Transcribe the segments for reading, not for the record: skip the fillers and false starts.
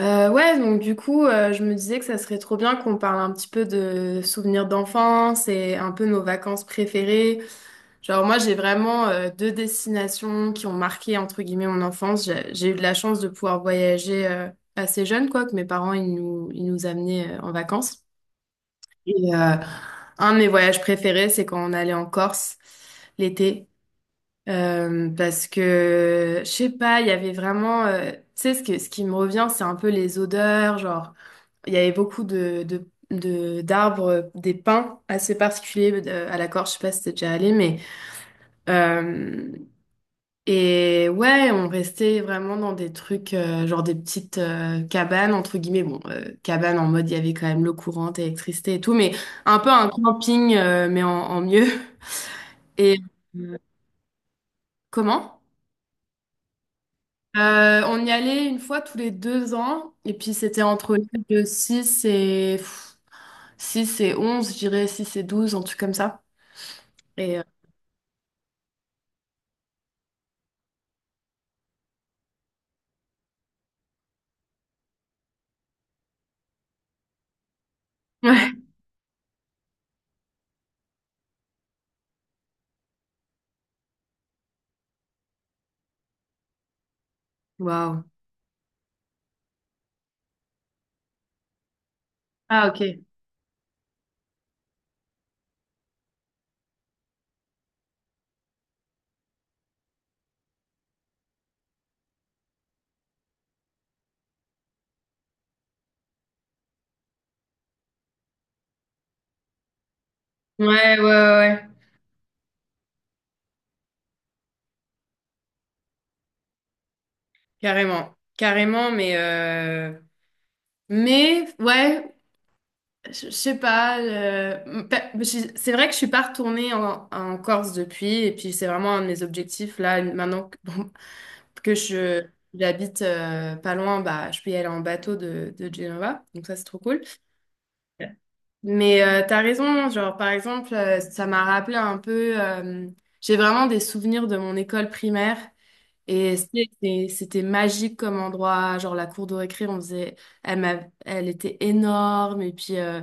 Ouais, donc du coup, je me disais que ça serait trop bien qu'on parle un petit peu de souvenirs d'enfance et un peu nos vacances préférées. Genre moi, j'ai vraiment deux destinations qui ont marqué entre guillemets mon enfance. J'ai eu de la chance de pouvoir voyager assez jeune, quoi, que mes parents ils nous amenaient en vacances. Et euh, un de mes voyages préférés, c'est quand on allait en Corse l'été. Parce que, je sais pas, il y avait vraiment, tu sais, ce qui me revient, c'est un peu les odeurs, genre il y avait beaucoup d'arbres, des pins assez particuliers, à la Corse, je sais pas si t'es déjà allé, mais... euh, et ouais, on restait vraiment dans des trucs, genre des petites cabanes, entre guillemets, bon, cabanes en mode, il y avait quand même l'eau courante, électricité et tout, mais un peu un camping, mais en mieux. Et... euh, Comment? On y allait une fois tous les 2 ans, et puis c'était entre l'âge de 6 et... 6 et 11, je dirais 6 et 12, un truc comme ça. Et euh, Ouais. Waouh. Ah, ok. Ouais, ouais, ouais, ouais. Carrément, carrément, mais ouais, je sais pas. C'est vrai que je suis pas retournée en Corse depuis, et puis c'est vraiment un de mes objectifs là maintenant que, bon, que je j'habite pas loin, bah je peux y aller en bateau de Genova, donc ça c'est trop cool. Mais t'as raison, genre par exemple, ça m'a rappelé un peu. J'ai vraiment des souvenirs de mon école primaire. Et c'était magique comme endroit, genre la cour de récré, on faisait, elle m'a, elle était énorme et puis,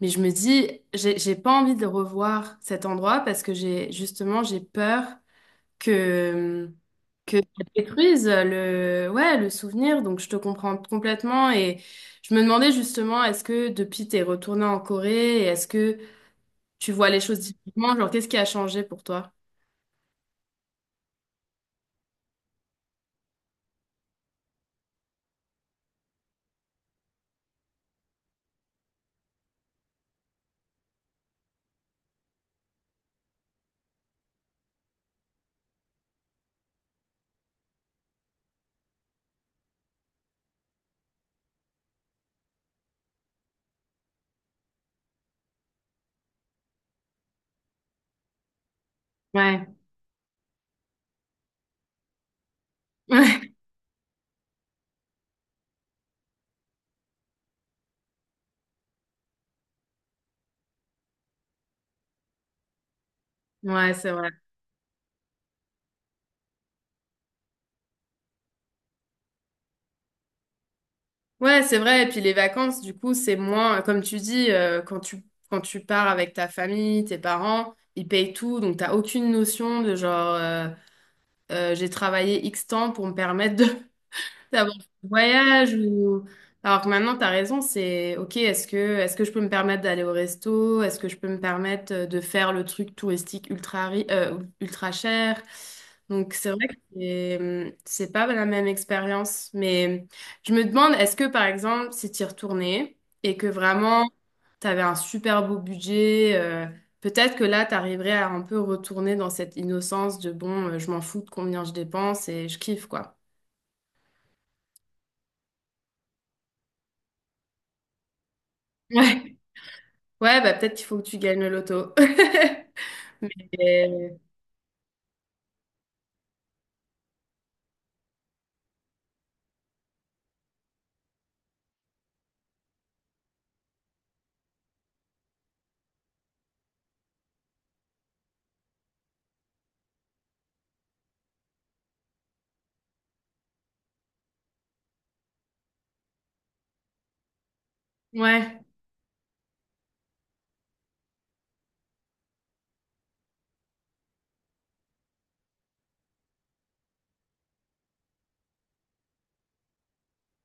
mais je me dis, j'ai pas envie de le revoir cet endroit parce que j'ai justement j'ai peur que que ça détruise le, ouais, le souvenir. Donc je te comprends complètement et je me demandais justement, est-ce que depuis t'es retournée en Corée, et est-ce que tu vois les choses différemment? Genre qu'est-ce qui a changé pour toi? Ouais, ouais, ouais, c'est vrai. Ouais, c'est vrai. Et puis les vacances, du coup, c'est moins, comme tu dis, quand tu pars avec ta famille, tes parents, ils payent tout, donc t'as aucune notion de genre, j'ai travaillé X temps pour me permettre d'avoir un voyage ou alors que maintenant t'as raison, c'est ok, est-ce que je peux me permettre d'aller au resto, est-ce que je peux me permettre de faire le truc touristique ultra cher, donc c'est vrai que c'est pas la même expérience, mais je me demande, est-ce que par exemple si t'y retournais et que vraiment t'avais un super beau budget, peut-être que là, t'arriverais à un peu retourner dans cette innocence de bon, je m'en fous de combien je dépense et je kiffe, quoi. Ouais, bah peut-être qu'il faut que tu gagnes le loto. Et- Ouais,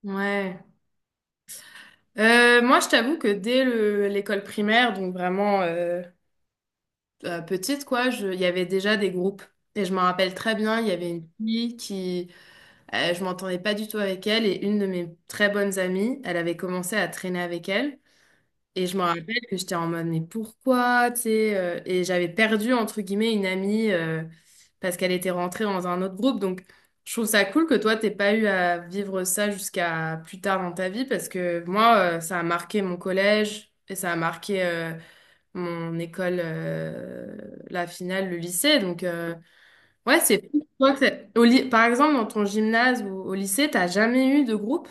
ouais. Moi, je t'avoue que dès l'école primaire, donc vraiment petite, quoi, il y avait déjà des groupes. Et je m'en rappelle très bien, il y avait une fille qui, je m'entendais pas du tout avec elle, et une de mes très bonnes amies, elle avait commencé à traîner avec elle. Et je me rappelle que j'étais en mode, mais pourquoi, tu sais, et j'avais perdu, entre guillemets, une amie, parce qu'elle était rentrée dans un autre groupe. Donc, je trouve ça cool que toi, t'aies pas eu à vivre ça jusqu'à plus tard dans ta vie, parce que moi, ça a marqué mon collège et ça a marqué, mon école, la finale, le lycée. Donc, ouais, c'est fou. Toi, par exemple, dans ton gymnase ou au lycée, t'as jamais eu de groupe?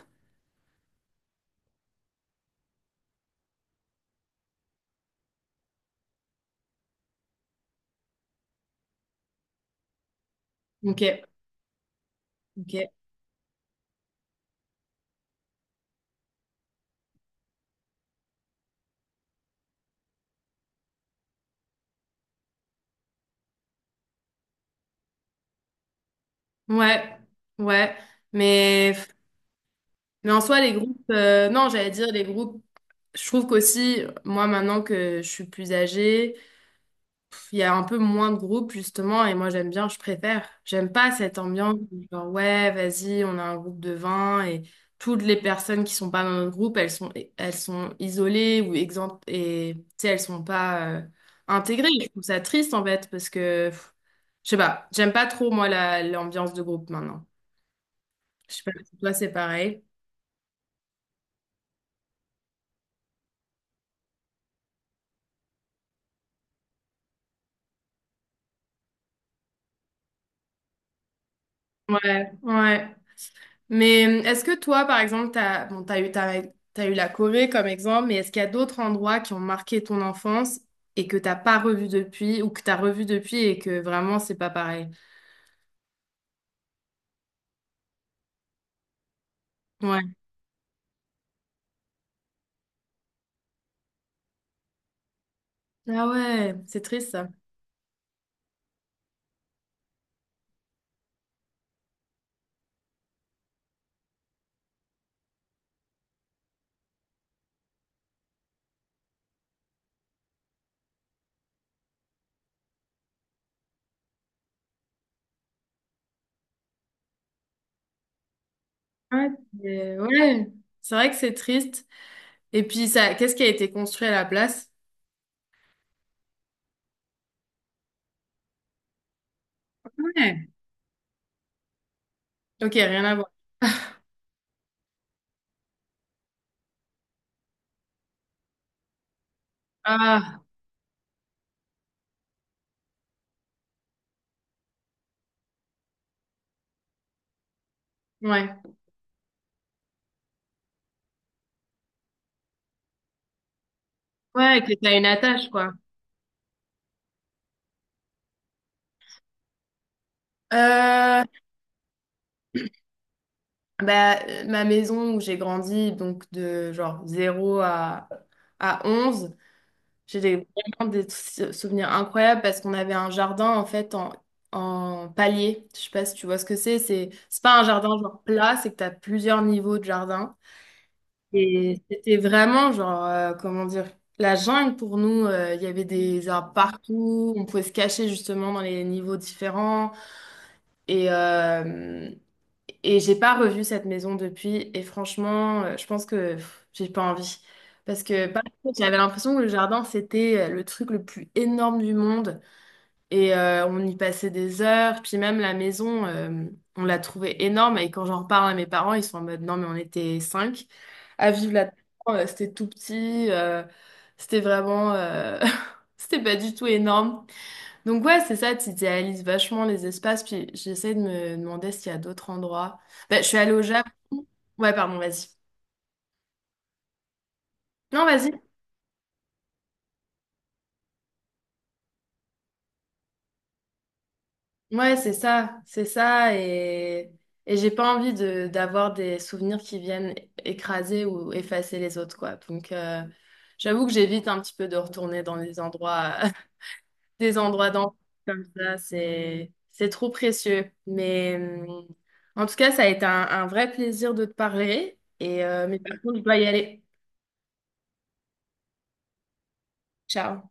Ok, ok. Ouais, ouais. Mais. Mais en soi, les groupes, non, j'allais dire les groupes, je trouve qu'aussi, moi, maintenant que je suis plus âgée, il y a un peu moins de groupes, justement, et moi, j'aime bien, je préfère. J'aime pas cette ambiance, où, genre, ouais, vas-y, on a un groupe de 20, et toutes les personnes qui sont pas dans notre groupe, elles sont isolées ou exemptes, et tu sais, elles sont pas intégrées. Je trouve ça triste, en fait, parce que, je sais pas, j'aime pas trop, moi, l'ambiance de groupe maintenant. Je sais pas si toi, c'est pareil. Ouais, ouais. Mais est-ce que toi, par exemple, t'as, bon, t'as eu, ta- t'as eu la Corée comme exemple, mais est-ce qu'il y a d'autres endroits qui ont marqué ton enfance et que t'as pas revu depuis ou que t'as revu depuis et que vraiment c'est pas pareil? Ouais. Ah ouais, c'est triste ça. Ouais, c'est ouais, c'est vrai que c'est triste. Et puis ça, qu'est-ce qui a été construit à la place? Ouais. Ok, rien à voir. Ah, ouais. Ouais, que t'as une attache, quoi. Euh, Bah, ma maison où j'ai grandi, donc de genre 0 à 11. J'ai des- Vraiment des souvenirs incroyables parce qu'on avait un jardin en fait en palier. Je sais pas si tu vois ce que c'est. C'est pas un jardin genre plat, c'est que tu as plusieurs niveaux de jardin. Et c'était vraiment genre, comment dire, la jungle pour nous. Il y avait des arbres partout. On pouvait se cacher justement dans les niveaux différents. Et, euh, et j'ai pas revu cette maison depuis. Et franchement, je pense que j'ai pas envie. Parce que par contre, j'avais l'impression que le jardin, c'était le truc le plus énorme du monde. On y passait des heures. Puis même la maison, on l'a trouvée énorme. Et quand j'en reparle à mes parents, ils sont en mode, non, mais on était cinq à vivre là-dedans. C'était tout petit. C'était vraiment... c'était pas du tout énorme. Donc ouais, c'est ça, tu idéalises vachement les espaces, puis j'essaie de me demander s'il y a d'autres endroits. Bah, je suis allée au Japon. Ouais, pardon, vas-y. Non, vas-y. Ouais, c'est ça, et j'ai pas envie de d'avoir des souvenirs qui viennent écraser ou effacer les autres, quoi. Donc j'avoue que j'évite un petit peu de retourner dans les endroits des endroits d'enfants comme ça, c'est trop précieux. Mais en tout cas, ça a été un vrai plaisir de te parler. Mais par contre, je dois y aller. Ciao.